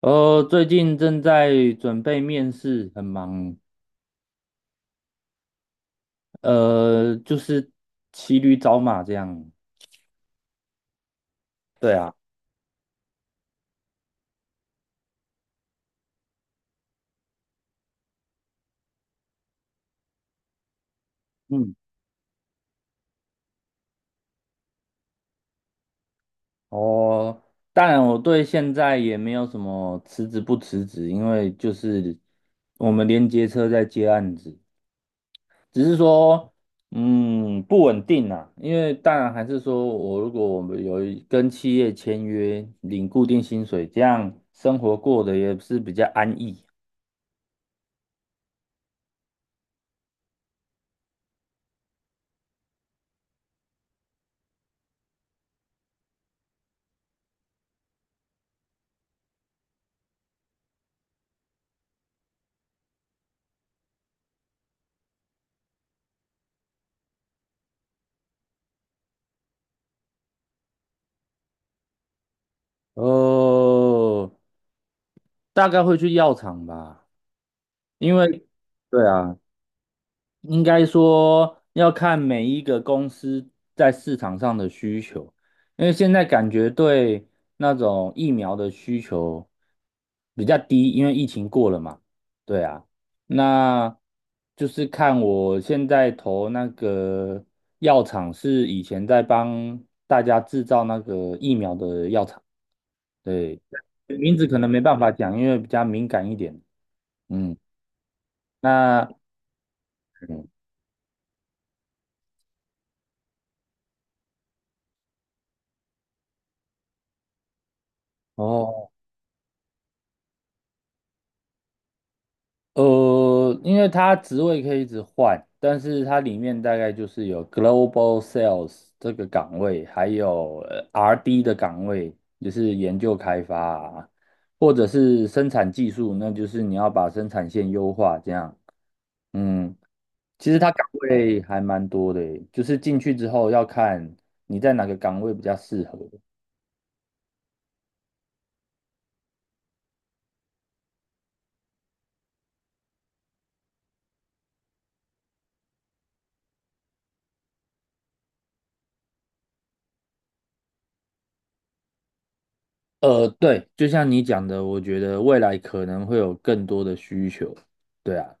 最近正在准备面试，很忙。就是骑驴找马这样。对啊，嗯，哦，当然我对现在也没有什么辞职不辞职，因为就是我们连接车在接案子，只是说不稳定啊。因为当然还是说如果我们有一跟企业签约领固定薪水，这样生活过得也是比较安逸。哦，大概会去药厂吧，因为对啊，应该说要看每一个公司在市场上的需求，因为现在感觉对那种疫苗的需求比较低，因为疫情过了嘛。对啊，那就是看我现在投那个药厂是以前在帮大家制造那个疫苗的药厂，对，名字可能没办法讲，因为比较敏感一点，嗯。那嗯哦，因为它职位可以一直换，但是它里面大概就是有 Global Sales 这个岗位，还有RD 的岗位，就是研究开发啊，或者是生产技术，那就是你要把生产线优化这样。嗯，其实它岗位还蛮多的耶就是进去之后要看你在哪个岗位比较适合。对，就像你讲的，我觉得未来可能会有更多的需求，对啊。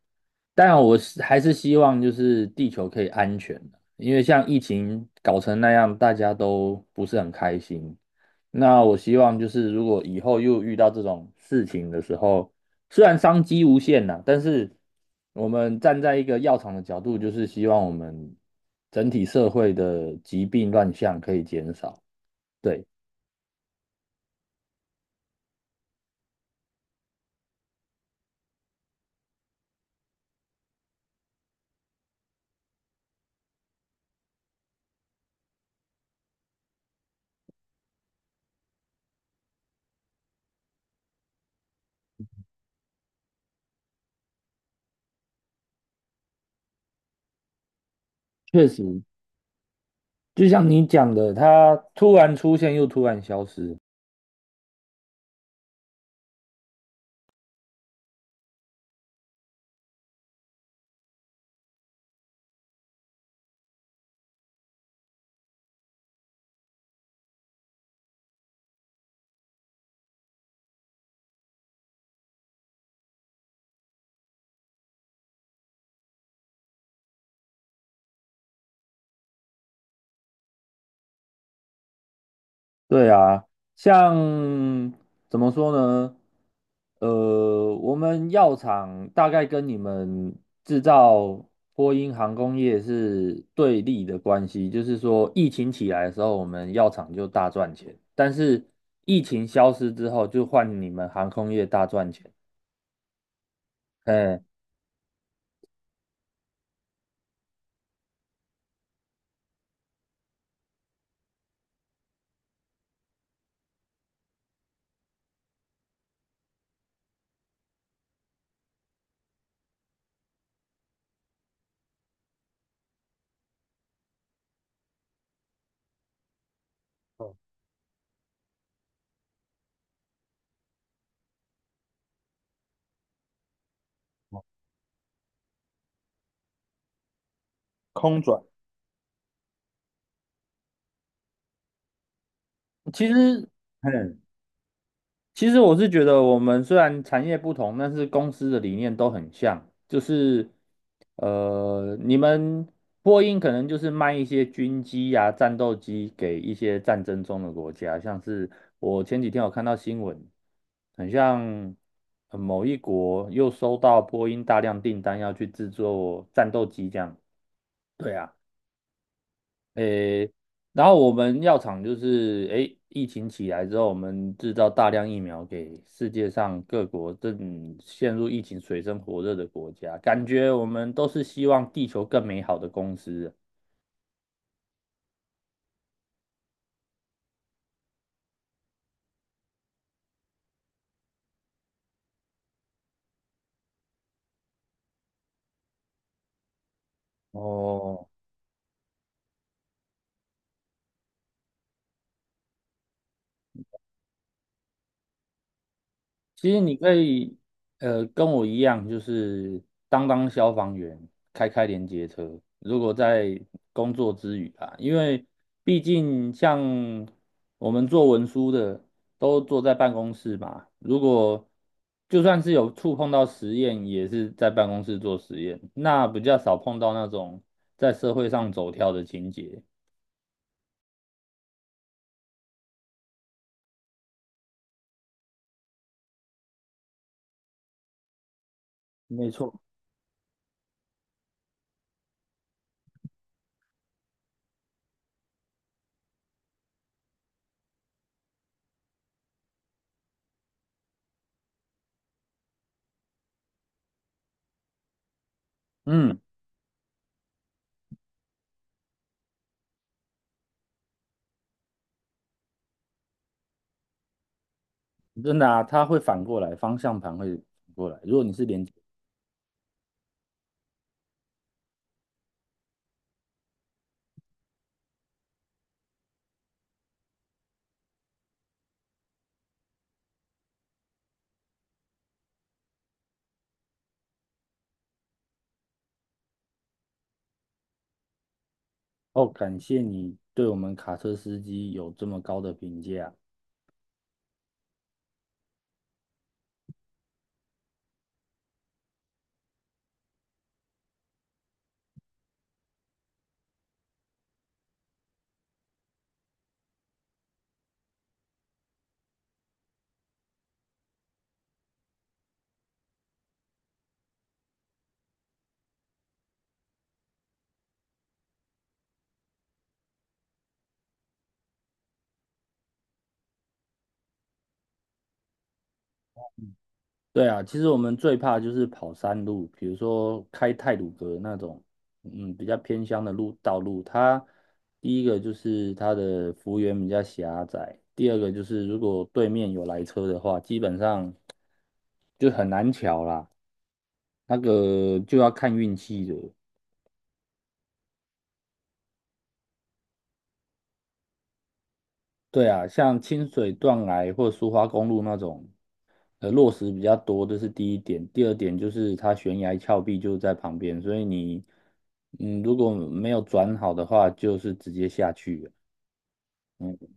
当然，我是还是希望就是地球可以安全的，因为像疫情搞成那样，大家都不是很开心。那我希望就是如果以后又遇到这种事情的时候，虽然商机无限呐，但是我们站在一个药厂的角度，就是希望我们整体社会的疾病乱象可以减少。对，确实就像你讲的，它突然出现又突然消失。对啊，像怎么说呢？我们药厂大概跟你们制造波音航空业是对立的关系，就是说疫情起来的时候，我们药厂就大赚钱，但是疫情消失之后，就换你们航空业大赚钱。嗯，空转，其实。嘿，其实我是觉得，我们虽然产业不同，但是公司的理念都很像，就是你们波音可能就是卖一些军机呀、战斗机给一些战争中的国家，像是我前几天有看到新闻，很像某一国又收到波音大量订单要去制作战斗机这样。对啊。诶，然后我们药厂就是诶，疫情起来之后，我们制造大量疫苗给世界上各国正陷入疫情水深火热的国家，感觉我们都是希望地球更美好的公司。哦，其实你可以，跟我一样，就是当消防员，开连接车。如果在工作之余啊，因为毕竟像我们做文书的，都坐在办公室嘛。如果就算是有触碰到实验，也是在办公室做实验，那比较少碰到那种在社会上走跳的情节。没错，嗯，真的啊，它会反过来，方向盘会反过来。如果你是连哦，感谢你对我们卡车司机有这么高的评价。对啊，其实我们最怕就是跑山路，比如说开泰鲁阁那种，嗯，比较偏乡的路道路。它第一个就是它的幅员比较狭窄，第二个就是如果对面有来车的话，基本上就很难瞧啦，那个就要看运气的。对啊，像清水断崖或苏花公路那种，落石比较多，这是第一点。第二点就是它悬崖峭壁就在旁边，所以你，嗯，如果没有转好的话，就是直接下去了嗯，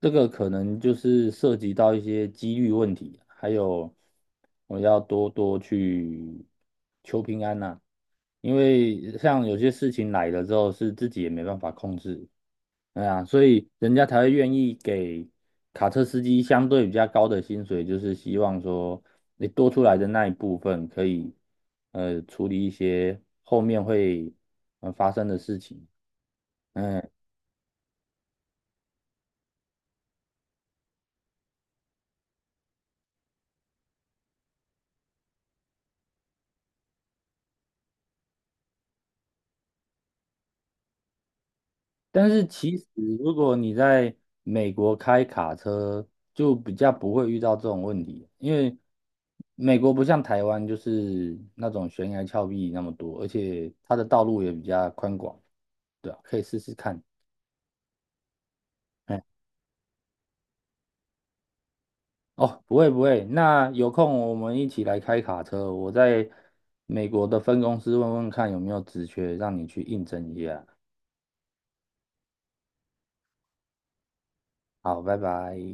这个可能就是涉及到一些几率问题，还有我要多多去求平安呐、因为像有些事情来了之后，是自己也没办法控制。对啊，所以人家才会愿意给卡车司机相对比较高的薪水，就是希望说你多出来的那一部分可以处理一些后面会发生的事情。嗯，但是其实如果你在美国开卡车，就比较不会遇到这种问题，因为美国不像台湾就是那种悬崖峭壁那么多，而且它的道路也比较宽广，对啊，可以试试看。嗯。哦，不会不会，那有空我们一起来开卡车，我在美国的分公司问问看有没有职缺，让你去应征一下。好，拜拜。